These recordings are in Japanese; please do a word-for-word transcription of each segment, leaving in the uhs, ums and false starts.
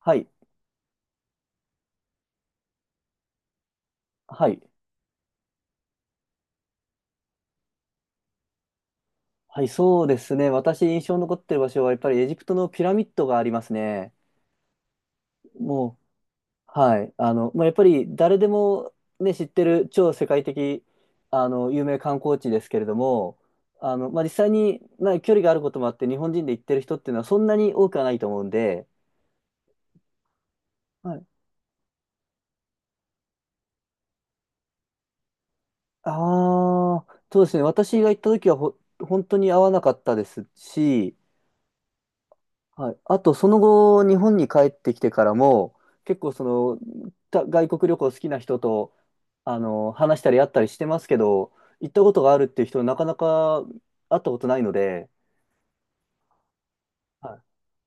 はい。はい。はい、そうですね。私印象に残ってる場所は、やっぱりエジプトのピラミッドがありますね。もう、はい。あの、まあ、やっぱり誰でもね、知ってる超世界的、あの、有名観光地ですけれども、あの、まあ、実際に、まあ、距離があることもあって、日本人で行ってる人っていうのはそんなに多くはないと思うんで、はい。ああ、そうですね。私が行った時はほ、本当に合わなかったですし、はい。あと、その後、日本に帰ってきてからも、結構その、た外国旅行好きな人と、あの、話したり会ったりしてますけど、行ったことがあるっていう人、なかなか会ったことないので、は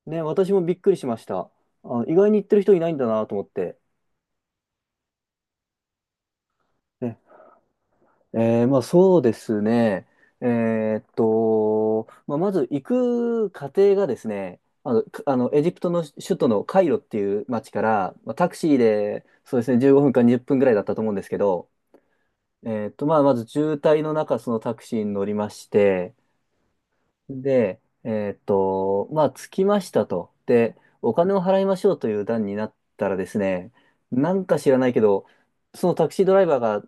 い。ね、私もびっくりしました。あ、意外に行ってる人いないんだなと思って。ねえー、まあそうですね。えーっと、まあ、まず行く過程がですね、あの、かあのエジプトの首都のカイロっていう町から、まあ、タクシーでそうですね、じゅうごふんかにじゅっぷんぐらいだったと思うんですけど、えーっと、まあまず渋滞の中、そのタクシーに乗りまして、で、えーっと、まあ着きましたと。で、お金を払いましょうという段になったらですね、なんか知らないけど、そのタクシードライバーが、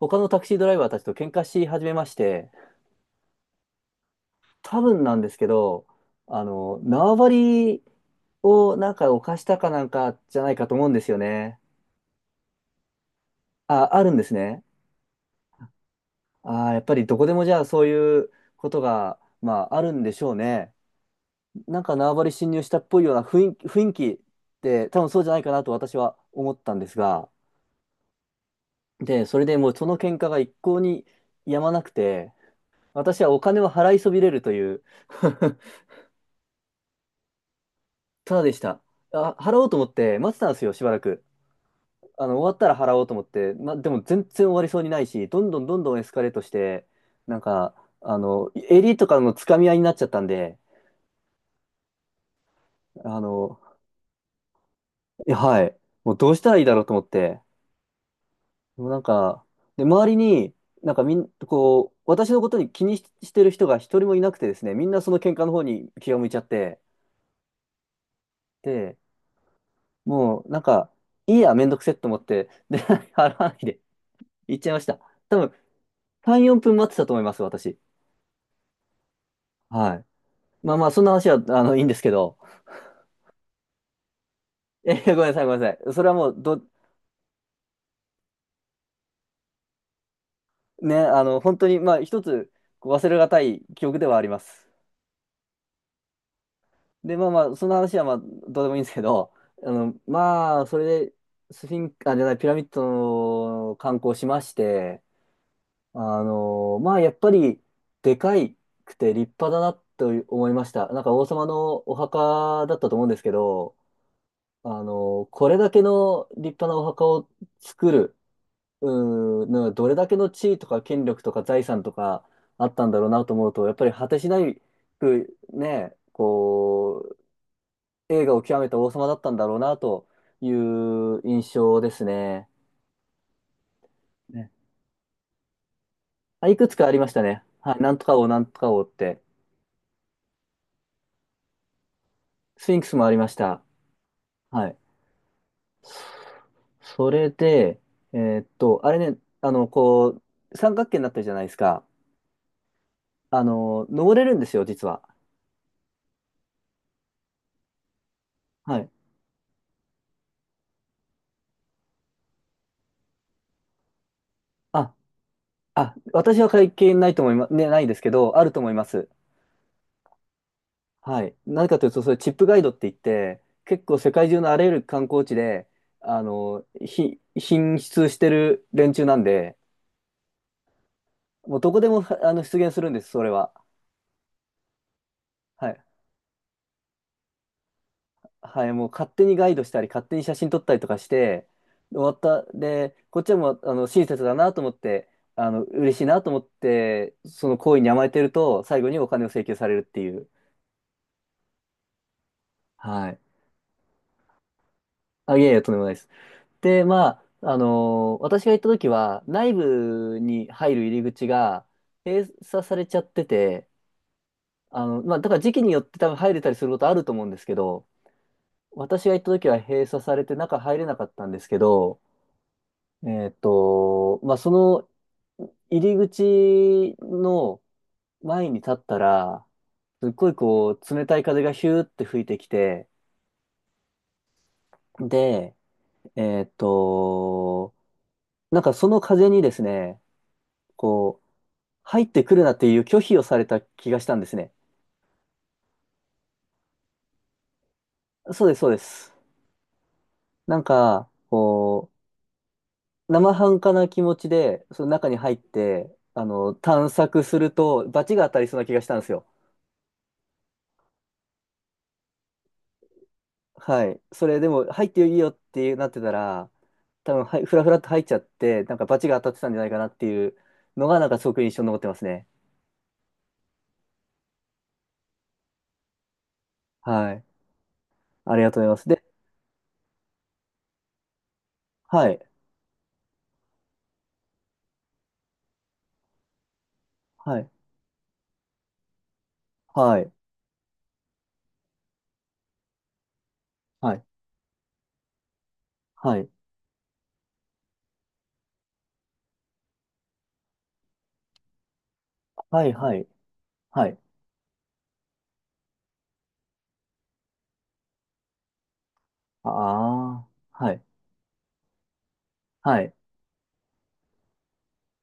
他のタクシードライバーたちと喧嘩し始めまして、多分なんですけど、あの、縄張りをなんか犯したかなんかじゃないかと思うんですよね。あ、あるんですね。あー、やっぱりどこでもじゃあそういうことが、まあ、あるんでしょうね。なんか縄張り侵入したっぽいような雰囲気、雰囲気って多分そうじゃないかなと私は思ったんですが、で、それでもうその喧嘩が一向に止まなくて、私はお金を払いそびれるという ただでした。あ、払おうと思って待ってたんですよ、しばらく。あの、終わったら払おうと思って、ま、でも全然終わりそうにないし、どんどんどんどんエスカレートして、なんか、あの、襟とかのつかみ合いになっちゃったんで、あの、いやはい、もうどうしたらいいだろうと思って、もうなんか、で、周りに、なんかみん、こう、私のことに気にし、してる人が一人もいなくてですね、みんなその喧嘩の方に気が向いちゃって、で、もうなんか、いいや、めんどくせえと思って、で、払わないで、行っちゃいました。多分、さん、よんぷん待ってたと思います、私。はい。まあまあ、そんな話は、あの、いいんですけど、えー、ごめんなさい、ごめんなさい。それはもう、ど、ね、あの、本当に、まあ、一つ、こう忘れがたい記憶ではあります。で、まあまあ、そんな話は、まあ、どうでもいいんですけど、あの、まあ、それで、スフィンク、あ、じゃない、ピラミッドの観光しまして、あの、まあ、やっぱり、でかいくて立派だなと思いました。なんか、王様のお墓だったと思うんですけど、あの、これだけの立派なお墓を作る、うーん、なんかどれだけの地位とか権力とか財産とかあったんだろうなと思うと、やっぱり果てしないくね、こう、栄華を極めた王様だったんだろうなという印象ですね。ねあ、いくつかありましたね。はい、なんとか王、なんとか王って。スフィンクスもありました。はい。それで、えーっと、あれね、あの、こう、三角形になってるじゃないですか。あの、登れるんですよ、実は。はい。あ、あ、私は関係ないと思います、ね、ないですけど、あると思います。はい。何かというと、それチップガイドって言って、結構世界中のあらゆる観光地で、あの、ひ、品質してる連中なんで、もうどこでも、あの、出現するんです、それは。はい。はい。もう勝手にガイドしたり、勝手に写真撮ったりとかして、終わった。で、こっちはもう、あの、親切だなと思って、あの、嬉しいなと思って、その行為に甘えてると、最後にお金を請求されるっていう。はい。あ、いえいえ、とんでもないです。で、まあ、あのー私が行った時は、内部に入る入り口が閉鎖されちゃってて、あの、まあ、だから時期によって多分入れたりすることあると思うんですけど、私が行った時は閉鎖されて中入れなかったんですけど、えっと、まあ、その入り口の前に立ったら、すっごいこう、冷たい風がヒューって吹いてきて、で、えっと、なんかその風にですね、こう、入ってくるなっていう拒否をされた気がしたんですね。そうです、そうです。なんか、こう、生半可な気持ちで、その中に入って、あの、探索すると、罰が当たりそうな気がしたんですよ。はい。それでも、入っていいよっていうなってたら、多分、はい、ふらふらっと入っちゃって、なんか罰が当たってたんじゃないかなっていうのが、なんかすごく印象に残ってますね。はい。ありがとうございます。で、はい。はい。はい。はい。はい。はい。はい。はい。ああ。はい。はい。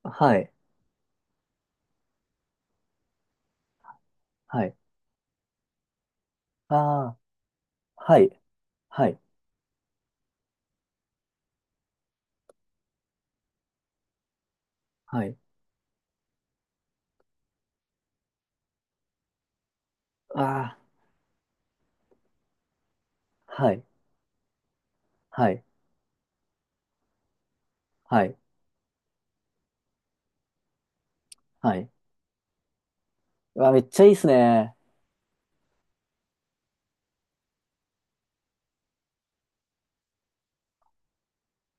はい。はい。ああ、はい、はい、はい。ああ、はい、はい、はい、はい。うわ、めっちゃいいっすね。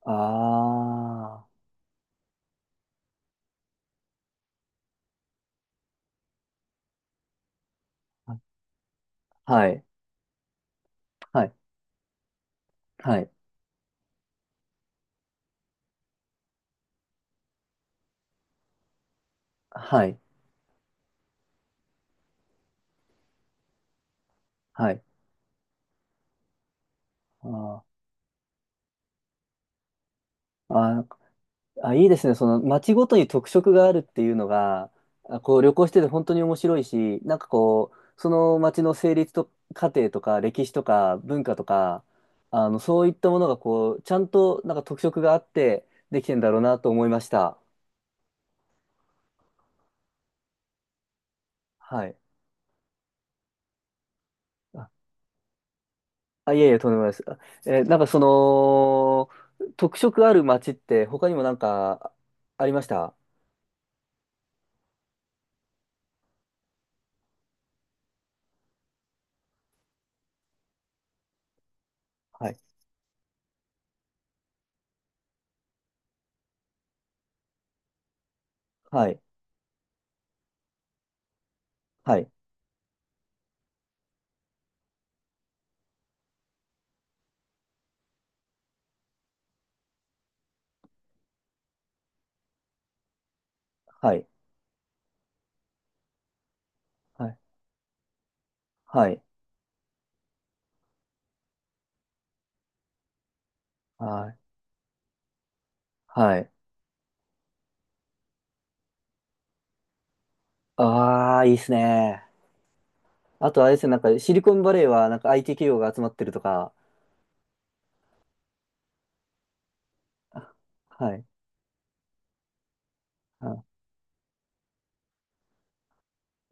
ああ、はい、はい、はい、はい、はい。あーあー、あ、いいですね。その街ごとに特色があるっていうのが、あこう旅行してて本当に面白いし、なんかこう、その街の成立と過程とか歴史とか文化とか、あの、そういったものがこう、ちゃんとなんか特色があってできてんだろうなと思いました。はい。あ、あいえいえ、とんでもないです。あえーなんかその、特色ある街って他にもなんかありました？はい。はい。はい。はい。はい。はい。はい。はい。ああ、いいっすね。あとあれですね、なんかシリコンバレーはなんか アイティー 企業が集まってるとか。あはい。あ、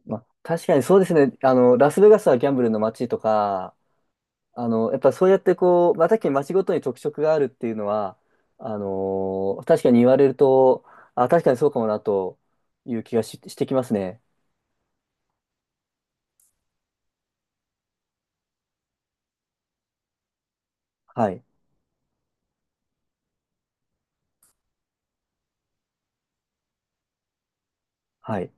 まあ、確かにそうですね。あの、ラスベガスはギャンブルの街とか、あの、やっぱそうやってこう、まあ、確かに町ごとに特色があるっていうのは、あのー確かに言われると、あ、確かにそうかもなという気がし、してきますね。はい。はい。